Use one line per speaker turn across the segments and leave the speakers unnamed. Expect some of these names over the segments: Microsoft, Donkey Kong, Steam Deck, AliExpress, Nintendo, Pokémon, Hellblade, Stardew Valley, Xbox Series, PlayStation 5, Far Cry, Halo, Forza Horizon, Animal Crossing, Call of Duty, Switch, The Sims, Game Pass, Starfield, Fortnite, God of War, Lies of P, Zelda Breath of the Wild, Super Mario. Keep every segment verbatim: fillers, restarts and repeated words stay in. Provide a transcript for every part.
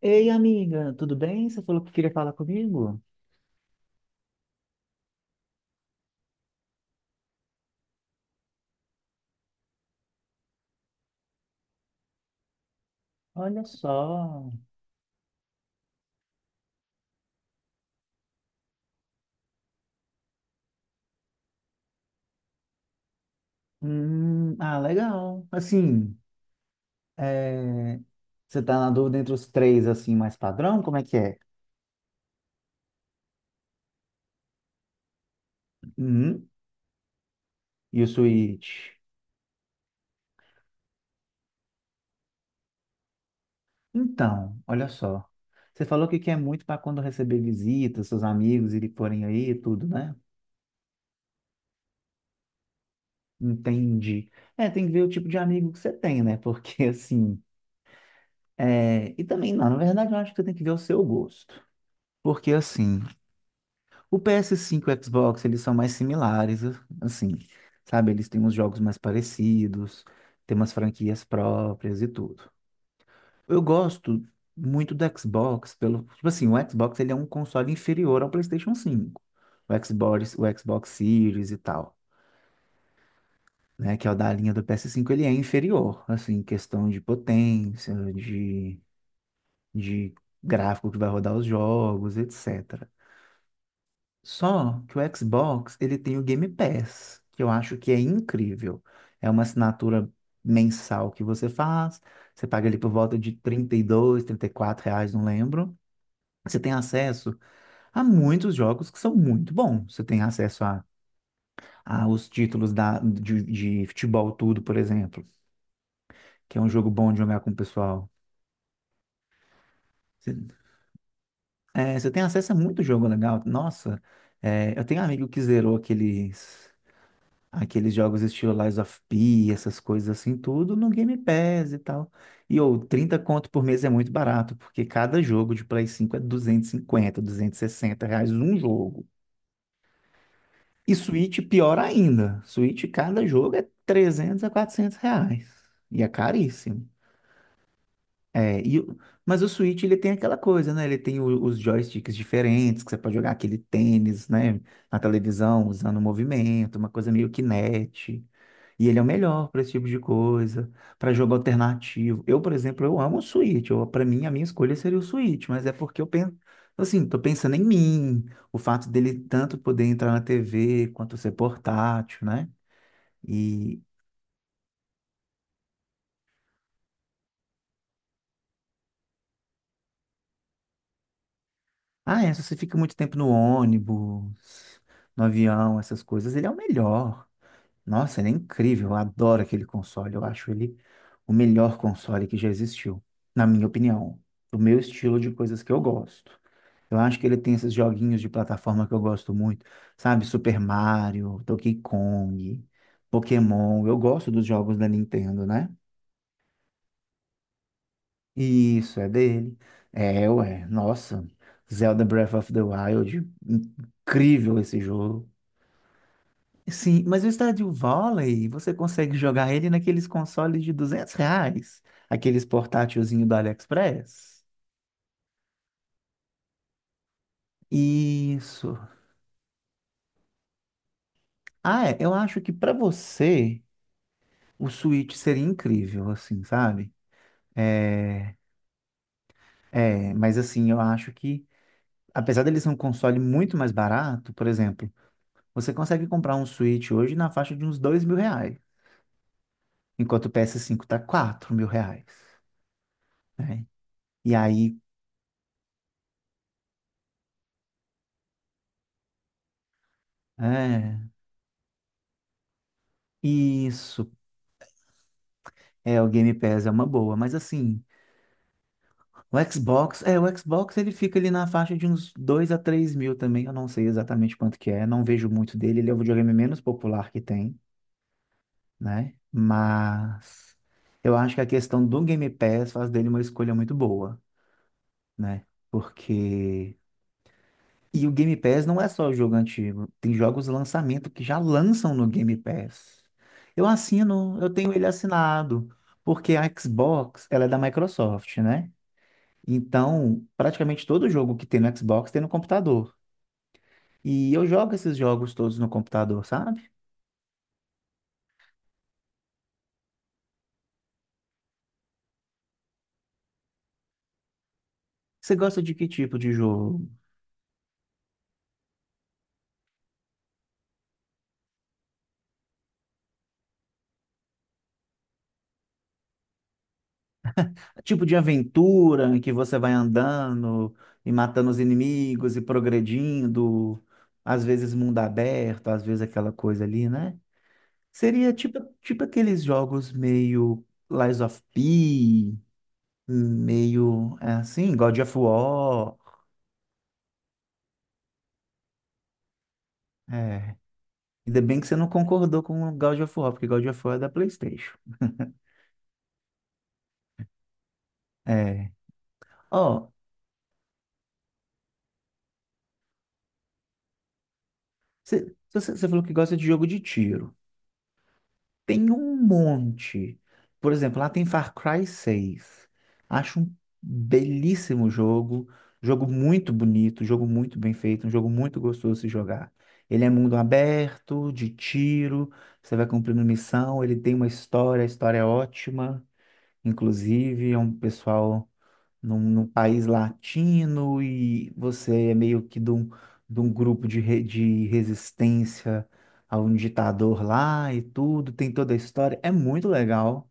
Ei, amiga, tudo bem? Você falou que queria falar comigo? Olha só. Hum, ah, legal. Assim, é, você tá na dúvida entre os três, assim, mais padrão? Como é que é? Hum, e o suíte? Então, olha só. Você falou que quer muito para quando receber visitas, seus amigos irem forem aí e tudo, né? Entendi. É, tem que ver o tipo de amigo que você tem, né? Porque, assim... É, e também, não, na verdade, eu acho que você tem que ver o seu gosto. Porque, assim... O P S cinco e o Xbox, eles são mais similares, assim, sabe? Eles têm uns jogos mais parecidos, têm umas franquias próprias e tudo. Eu gosto muito do Xbox pelo, tipo assim, o Xbox ele é um console inferior ao PlayStation cinco. O Xbox, o Xbox Series e tal, né, que é o da linha do P S cinco, ele é inferior, assim, em questão de potência, de de gráfico que vai rodar os jogos, etcétera. Só que o Xbox, ele tem o Game Pass, que eu acho que é incrível. É uma assinatura mensal que você faz, você paga ali por volta de trinta trinta e dois trinta e quatro reais, não lembro. Você tem acesso a muitos jogos que são muito bons. Você tem acesso a, a os títulos da, de, de futebol tudo, por exemplo, que é um jogo bom de jogar com o pessoal. Você, é, você tem acesso a muito jogo legal. Nossa, é, eu tenho um amigo que zerou aqueles. aqueles jogos estilo Lies of P, essas coisas assim, tudo no Game Pass e tal. E ou trinta conto por mês é muito barato, porque cada jogo de Play cinco é duzentos duzentos e cinquenta duzentos e sessenta reais um jogo. E Switch, pior ainda. Switch, cada jogo é trezentos a quatrocentos reais. E é caríssimo. É, e, o- mas o Switch, ele tem aquela coisa, né? Ele tem o- os joysticks diferentes, que você pode jogar aquele tênis, né? Na televisão, usando o movimento, uma coisa meio Kinect. E ele é o melhor para esse tipo de coisa, para jogo alternativo. Eu, por exemplo, eu amo o Switch. Eu, para mim, a minha escolha seria o Switch, mas é porque eu penso, assim, tô pensando em mim, o fato dele tanto poder entrar na T V quanto ser portátil, né? E ah, é, se você fica muito tempo no ônibus, no avião, essas coisas, ele é o melhor. Nossa, ele é incrível. Eu adoro aquele console. Eu acho ele o melhor console que já existiu, na minha opinião, do meu estilo de coisas que eu gosto. Eu acho que ele tem esses joguinhos de plataforma que eu gosto muito, sabe? Super Mario, Donkey Kong, Pokémon. Eu gosto dos jogos da Nintendo, né? Isso, é dele. É, ué, nossa. Zelda Breath of the Wild, incrível esse jogo. Sim, mas o Stardew Valley, você consegue jogar ele naqueles consoles de duzentos reais, aqueles portátilzinho do AliExpress. Isso. Ah, é, eu acho que para você o Switch seria incrível, assim, sabe? É, é, mas assim, eu acho que apesar dele ser um console muito mais barato, por exemplo, você consegue comprar um Switch hoje na faixa de uns dois mil reais, enquanto o ps cinco tá quatro mil reais, né? E aí, é, isso, é, o Game Pass é uma boa, mas assim, o Xbox, é, o Xbox ele fica ali na faixa de uns dois a três mil também, eu não sei exatamente quanto que é, não vejo muito dele, ele é o videogame menos popular que tem. Né? Mas eu acho que a questão do Game Pass faz dele uma escolha muito boa, né? Porque. E o Game Pass não é só o jogo antigo, tem jogos de lançamento que já lançam no Game Pass. Eu assino, eu tenho ele assinado, porque a Xbox, ela é da Microsoft, né? Então, praticamente todo jogo que tem no Xbox tem no computador. E eu jogo esses jogos todos no computador, sabe? Você gosta de que tipo de jogo? Tipo de aventura em que você vai andando e matando os inimigos e progredindo, às vezes mundo aberto, às vezes aquela coisa ali, né? Seria tipo, tipo aqueles jogos meio Lies of P, meio é assim, God of War. É. Ainda bem que você não concordou com o God of War, porque God of War é da PlayStation. É. Ó, você você- você falou que gosta de jogo de tiro. Tem um monte. Por exemplo, lá tem Far Cry seis, acho um belíssimo jogo. Jogo muito bonito, jogo muito bem feito, um jogo muito gostoso de se jogar. Ele é mundo aberto, de tiro, você vai cumprindo missão, ele tem uma história, a história é ótima, inclusive, é um pessoal num, num país latino e você é meio que de um, de um grupo de, re- de resistência a um ditador lá e tudo, tem toda a história. É muito legal.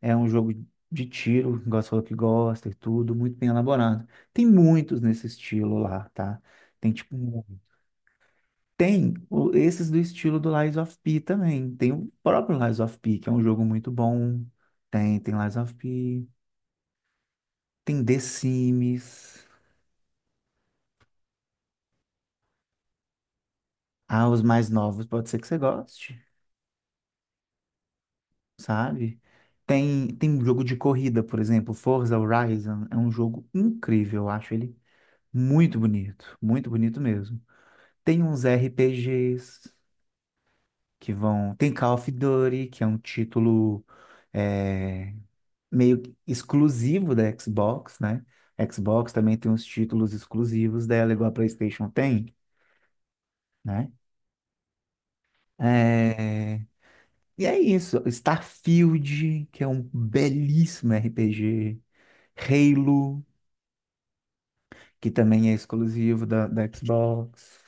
É um jogo de tiro, igual você falou que gosta e tudo, muito bem elaborado. Tem muitos nesse estilo lá, tá? Tem tipo muito. Tem o- esses do estilo do Lies of P também. Tem o próprio Lies of P, que é um jogo muito bom. Tem, tem Lies of P. Tem The Sims. Ah, os mais novos pode ser que você goste, sabe? Tem, tem um jogo de corrida, por exemplo, Forza Horizon é um jogo incrível, eu acho ele muito bonito, muito bonito mesmo. Tem uns R P Gs que vão. Tem Call of Duty, que é um título é, meio que exclusivo da Xbox, né? Xbox também tem uns títulos exclusivos dela, igual a PlayStation tem, né? É, e é isso. Starfield, que é um belíssimo R P G. Halo, que também é exclusivo da, da Xbox,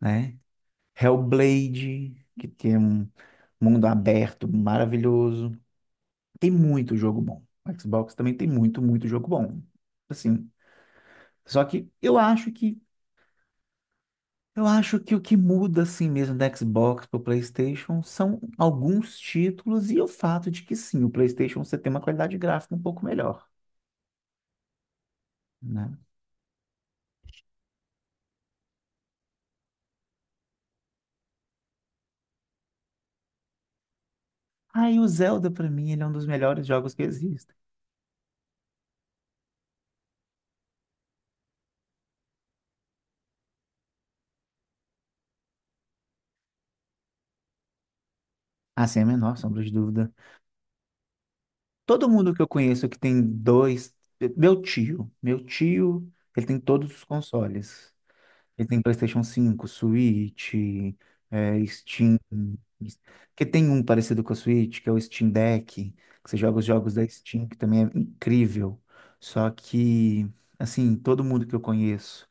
né? Hellblade, que tem um mundo aberto maravilhoso. Tem muito jogo bom. O Xbox também tem muito, muito jogo bom. Assim, só que eu acho que eu acho que o que muda assim mesmo da Xbox para o PlayStation são alguns títulos e o fato de que sim, o PlayStation você tem uma qualidade gráfica um pouco melhor, né? Ah, e o Zelda, pra mim, ele é um dos melhores jogos que existem. Ah, sem a menor sombra de dúvida. Todo mundo que eu conheço que tem dois. Meu tio. Meu tio, ele tem todos os consoles. Ele tem PlayStation cinco, Switch, é, Steam. Que tem um parecido com o Switch, que é o Steam Deck, que você joga os jogos da Steam, que também é incrível. Só que, assim, todo mundo que eu conheço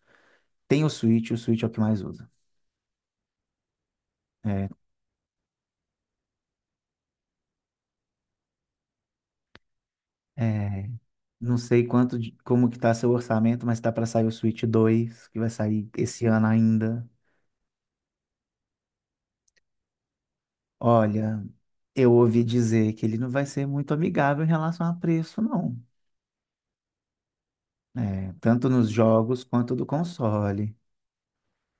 tem o Switch, e o Switch é o que mais usa. É, não sei quanto, de- como que tá seu orçamento, mas tá para sair o Switch dois, que vai sair esse ano ainda. Olha, eu ouvi dizer que ele não vai ser muito amigável em relação a preço, não. É, tanto nos jogos quanto do console.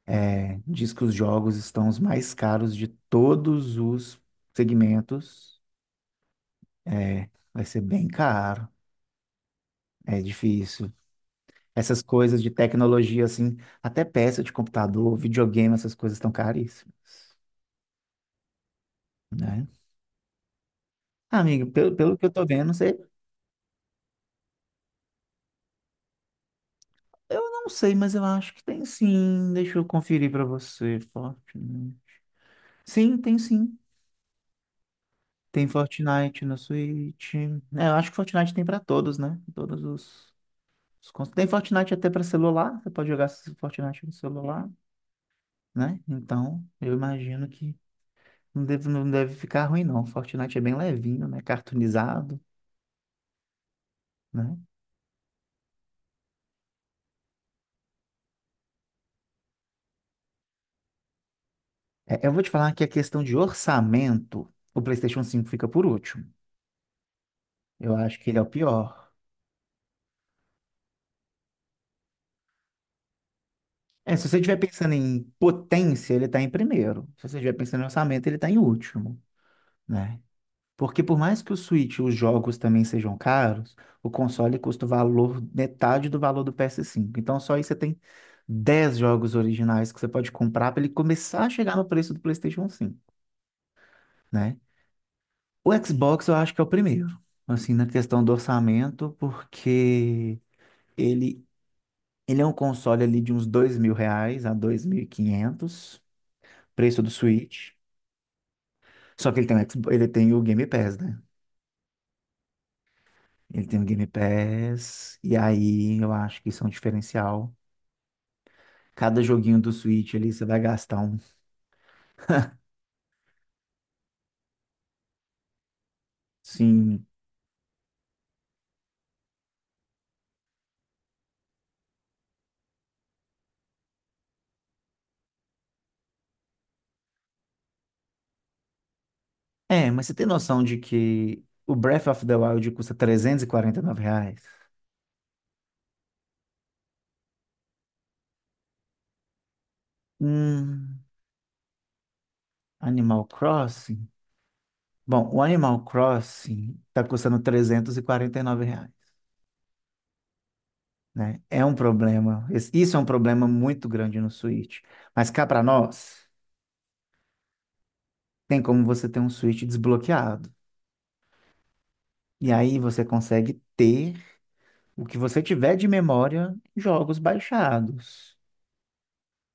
É, diz que os jogos estão os mais caros de todos os segmentos. É, vai ser bem caro. É difícil. Essas coisas de tecnologia, assim, até peça de computador, videogame, essas coisas estão caríssimas, né? Ah, amigo, pelo, pelo que eu tô vendo, não sei. Eu não sei, mas eu acho que tem sim. Deixa eu conferir pra você. Fortnite. Sim, tem sim. Tem Fortnite na Switch. É, eu acho que Fortnite tem pra todos, né? Todos os, os cons- tem Fortnite até pra celular. Você pode jogar Fortnite no celular, né? Então, eu imagino que não deve, não deve ficar ruim, não. Fortnite é bem levinho, né? Cartoonizado, né? É, eu vou te falar que a questão de orçamento, o PlayStation cinco fica por último. Eu acho que ele é o pior. É, se você estiver pensando em potência, ele está em primeiro. Se você estiver pensando em orçamento, ele está em último, né? Porque por mais que o Switch e os jogos também sejam caros, o console custa o valor, metade do valor do P S cinco. Então só aí você tem dez jogos originais que você pode comprar para ele começar a chegar no preço do PlayStation cinco, né? O Xbox eu acho que é o primeiro, assim, na questão do orçamento, porque ele, ele é um console ali de uns dois mil reais a dois mil e quinhentos preço do Switch. Só que ele tem, o Xbox- ele tem o Game Pass, né? Ele tem o Game Pass, e aí eu acho que isso é um diferencial. Cada joguinho do Switch ali você vai gastar um. Sim. É, mas você tem noção de que o Breath of the Wild custa trezentos e e quarenta e nove reais? Hum, Animal Crossing? Bom, o Animal Crossing tá custando trezentos e e quarenta e nove reais, né? É um problema. Esse- Isso é um problema muito grande no Switch. Mas cá para nós, tem como você ter um Switch desbloqueado. E aí você consegue ter o que você tiver de memória, jogos baixados.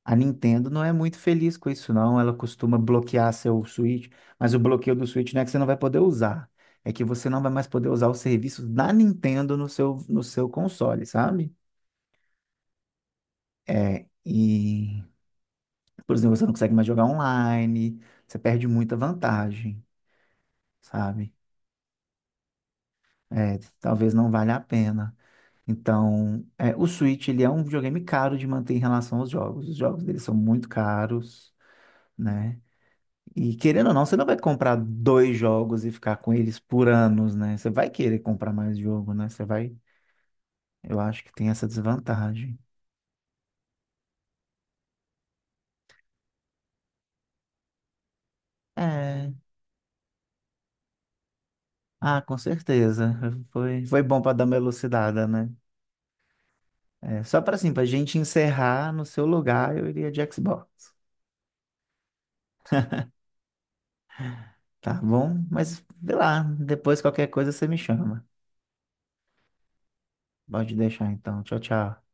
A Nintendo não é muito feliz com isso, não. Ela costuma bloquear seu Switch, mas o bloqueio do Switch não é que você não vai poder usar. É que você não vai mais poder usar os serviços da Nintendo no seu, no seu console, sabe? É, e, por exemplo, você não consegue mais jogar online, você perde muita vantagem, sabe? É, talvez não valha a pena. Então, é, o Switch, ele é um videogame caro de manter em relação aos jogos. Os jogos dele são muito caros, né? E querendo ou não, você não vai comprar dois jogos e ficar com eles por anos, né? Você vai querer comprar mais jogo, né? Você vai... Eu acho que tem essa desvantagem. É. Ah, com certeza. Foi, foi bom para dar uma elucidada, né? É, só para assim, para gente encerrar no seu lugar, eu iria de Xbox. Tá bom? Mas, vê lá, depois qualquer coisa você me chama. Pode deixar então. Tchau, tchau.